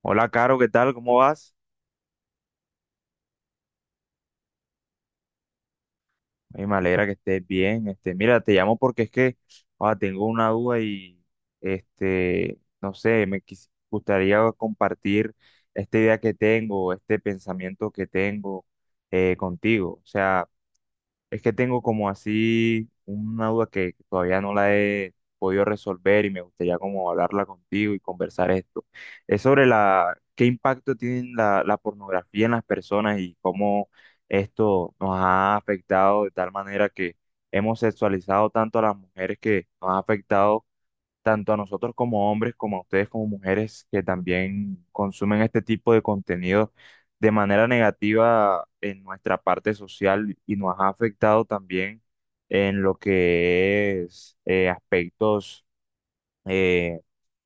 Hola, Caro, ¿qué tal? ¿Cómo vas? Ay, me alegra que estés bien. Mira, te llamo porque es que tengo una duda y no sé, gustaría compartir esta idea que tengo, este pensamiento que tengo contigo. O sea, es que tengo como así una duda que todavía no la he podido resolver y me gustaría como hablarla contigo y conversar esto. Es sobre qué impacto tiene la pornografía en las personas y cómo esto nos ha afectado de tal manera que hemos sexualizado tanto a las mujeres que nos ha afectado tanto a nosotros como hombres, como a ustedes como mujeres que también consumen este tipo de contenido de manera negativa en nuestra parte social y nos ha afectado también en lo que es aspectos eh,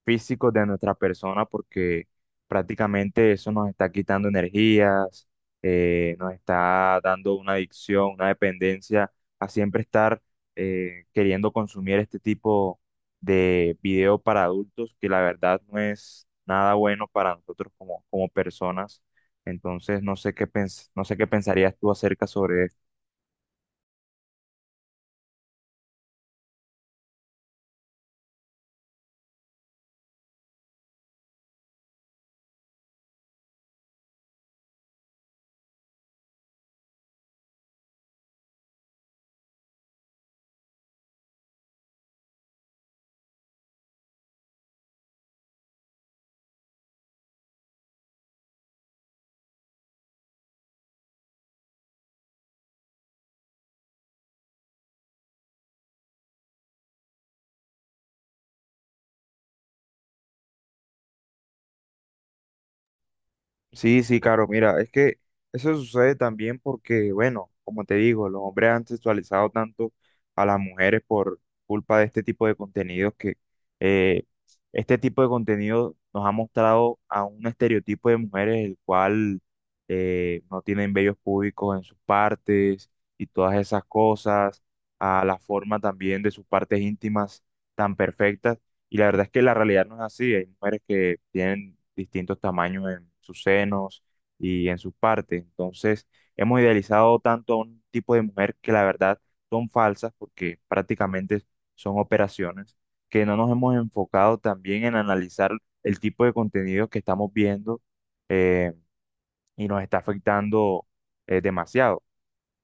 físicos de nuestra persona porque prácticamente eso nos está quitando energías, nos está dando una adicción, una dependencia a siempre estar queriendo consumir este tipo de video para adultos que la verdad no es nada bueno para nosotros como personas. Entonces, no sé qué pensarías tú acerca sobre. Sí, sí, claro, mira, es que eso sucede también porque, bueno, como te digo, los hombres han sexualizado tanto a las mujeres por culpa de este tipo de contenidos que eh, este tipo de contenido nos ha mostrado a un estereotipo de mujeres el cual no tienen vellos públicos en sus partes y todas esas cosas, a la forma también de sus partes íntimas tan perfectas y la verdad es que la realidad no es así. Hay mujeres que tienen distintos tamaños en sus senos y en sus partes. Entonces, hemos idealizado tanto a un tipo de mujer que la verdad son falsas porque prácticamente son operaciones, que no nos hemos enfocado también en analizar el tipo de contenido que estamos viendo eh, y nos está afectando demasiado.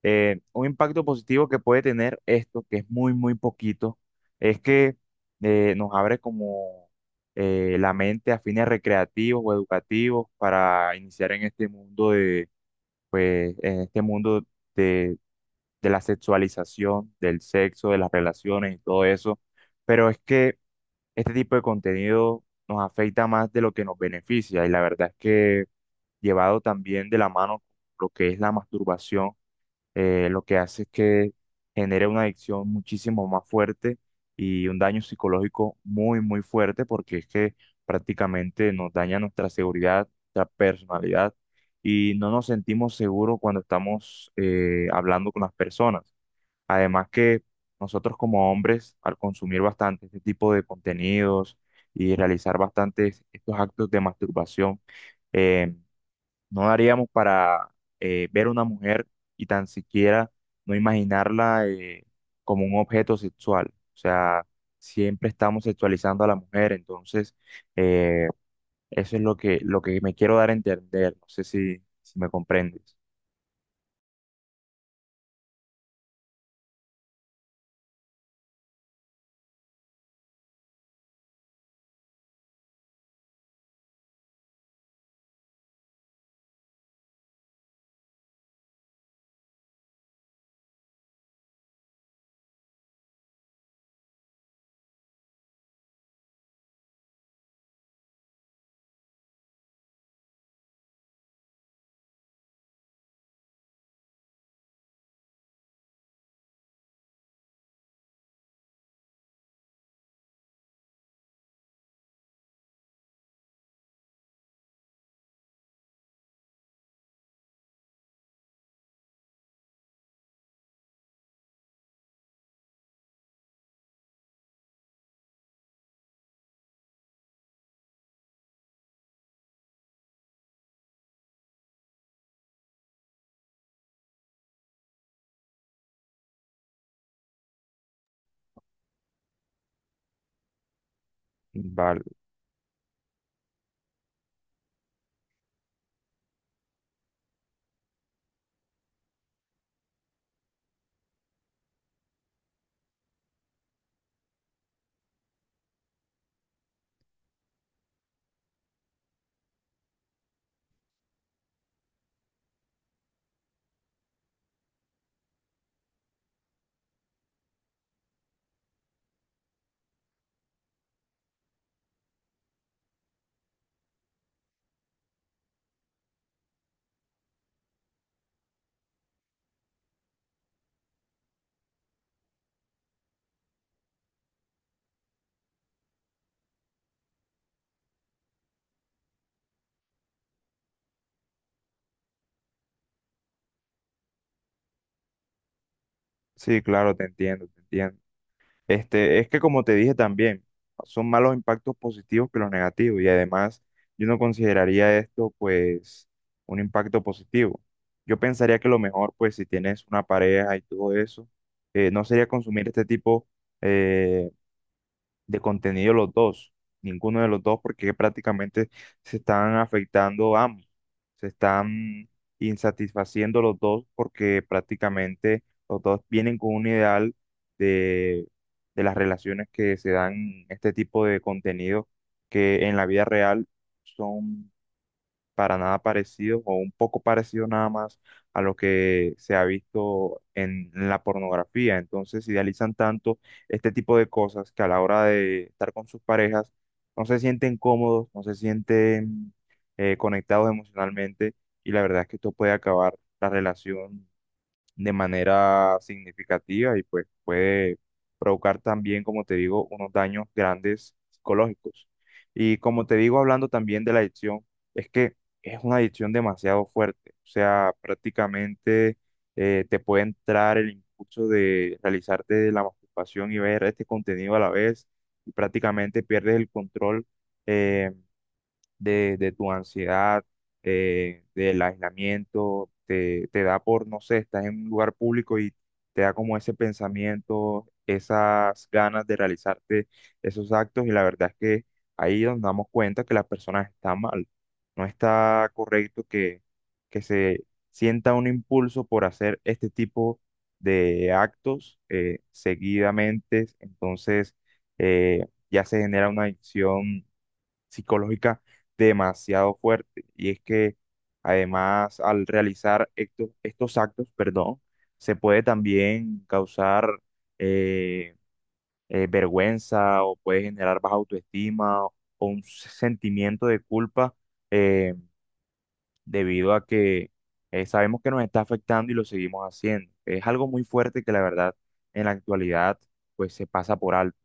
Un impacto positivo que puede tener esto, que es muy, muy poquito, es que nos abre como la mente a fines recreativos o educativos para iniciar en este mundo de, pues, en este mundo de, de la sexualización, del sexo, de las relaciones y todo eso. Pero es que este tipo de contenido nos afecta más de lo que nos beneficia y la verdad es que llevado también de la mano con lo que es la masturbación, lo que hace es que genere una adicción muchísimo más fuerte y un daño psicológico muy, muy fuerte porque es que prácticamente nos daña nuestra seguridad, nuestra personalidad y no nos sentimos seguros cuando estamos hablando con las personas. Además que nosotros como hombres, al consumir bastante este tipo de contenidos y realizar bastantes estos actos de masturbación, em, no daríamos para ver a una mujer y tan siquiera no imaginarla como un objeto sexual. O sea, siempre estamos sexualizando a la mujer, entonces eh, eso es lo lo que me quiero dar a entender. No sé si me comprendes. Vale. Sí, claro, te entiendo, te entiendo. Este, es que como te dije también, son más los impactos positivos que los negativos y además yo no consideraría esto pues un impacto positivo. Yo pensaría que lo mejor pues si tienes una pareja y todo eso, no sería consumir este tipo eh, de contenido los dos, ninguno de los dos, porque prácticamente se están afectando ambos, se están insatisfaciendo los dos porque prácticamente los dos vienen con un ideal de, de las relaciones que se dan en este tipo de contenido que en la vida real son para nada parecido o un poco parecido nada más a lo que se ha visto en la pornografía. Entonces idealizan tanto este tipo de cosas que a la hora de estar con sus parejas no se sienten cómodos, no se sienten conectados emocionalmente y la verdad es que esto puede acabar la relación de manera significativa y pues puede provocar también, como te digo, unos daños grandes psicológicos. Y como te digo, hablando también de la adicción, es que es una adicción demasiado fuerte, o sea, prácticamente te puede entrar el impulso de realizarte la masturbación y ver este contenido a la vez y prácticamente pierdes el control eh, de tu ansiedad, del aislamiento, te da por, no sé, estás en un lugar público y te da como ese pensamiento, esas ganas de realizarte esos actos y la verdad es que ahí nos damos cuenta que las personas están mal. No está correcto que se sienta un impulso por hacer este tipo de actos seguidamente, entonces ya se genera una adicción psicológica demasiado fuerte. Y es que además al realizar estos actos, perdón, se puede también causar eh, vergüenza o puede generar baja autoestima o, un sentimiento de culpa, eh, debido a que sabemos que nos está afectando y lo seguimos haciendo. Es algo muy fuerte que la verdad en la actualidad pues se pasa por alto.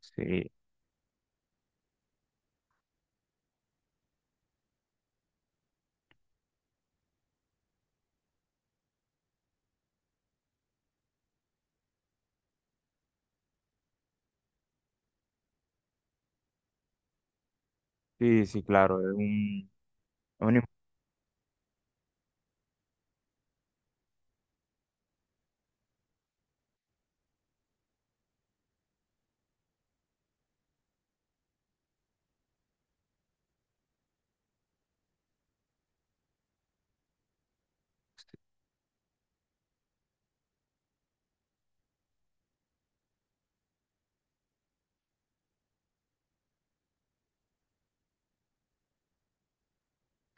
Sí, sí, sí, claro, es un, es una.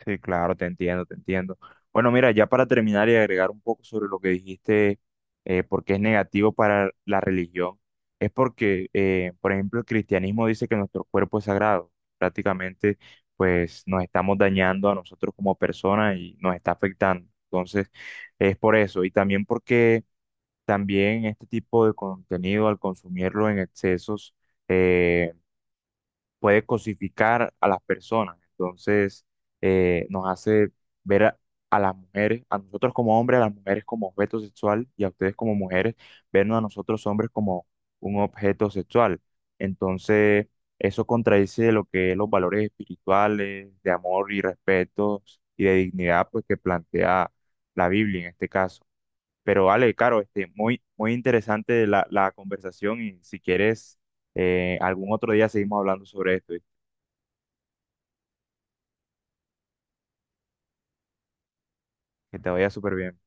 Sí, claro, te entiendo, te entiendo. Bueno, mira, ya para terminar y agregar un poco sobre lo que dijiste, por qué es negativo para la religión, es porque, por ejemplo, el cristianismo dice que nuestro cuerpo es sagrado. Prácticamente, pues nos estamos dañando a nosotros como personas y nos está afectando. Entonces, es por eso. Y también porque también este tipo de contenido, al consumirlo en excesos, eh, puede cosificar a las personas. Entonces, nos hace ver a las mujeres, a nosotros como hombres, a las mujeres como objeto sexual y a ustedes como mujeres, vernos a nosotros hombres como un objeto sexual. Entonces, eso contradice lo que es los valores espirituales, de amor y respeto y de dignidad, pues que plantea la Biblia en este caso. Pero vale, Caro, este, muy, muy interesante la conversación y si quieres, algún otro día seguimos hablando sobre esto. Que te vaya súper bien.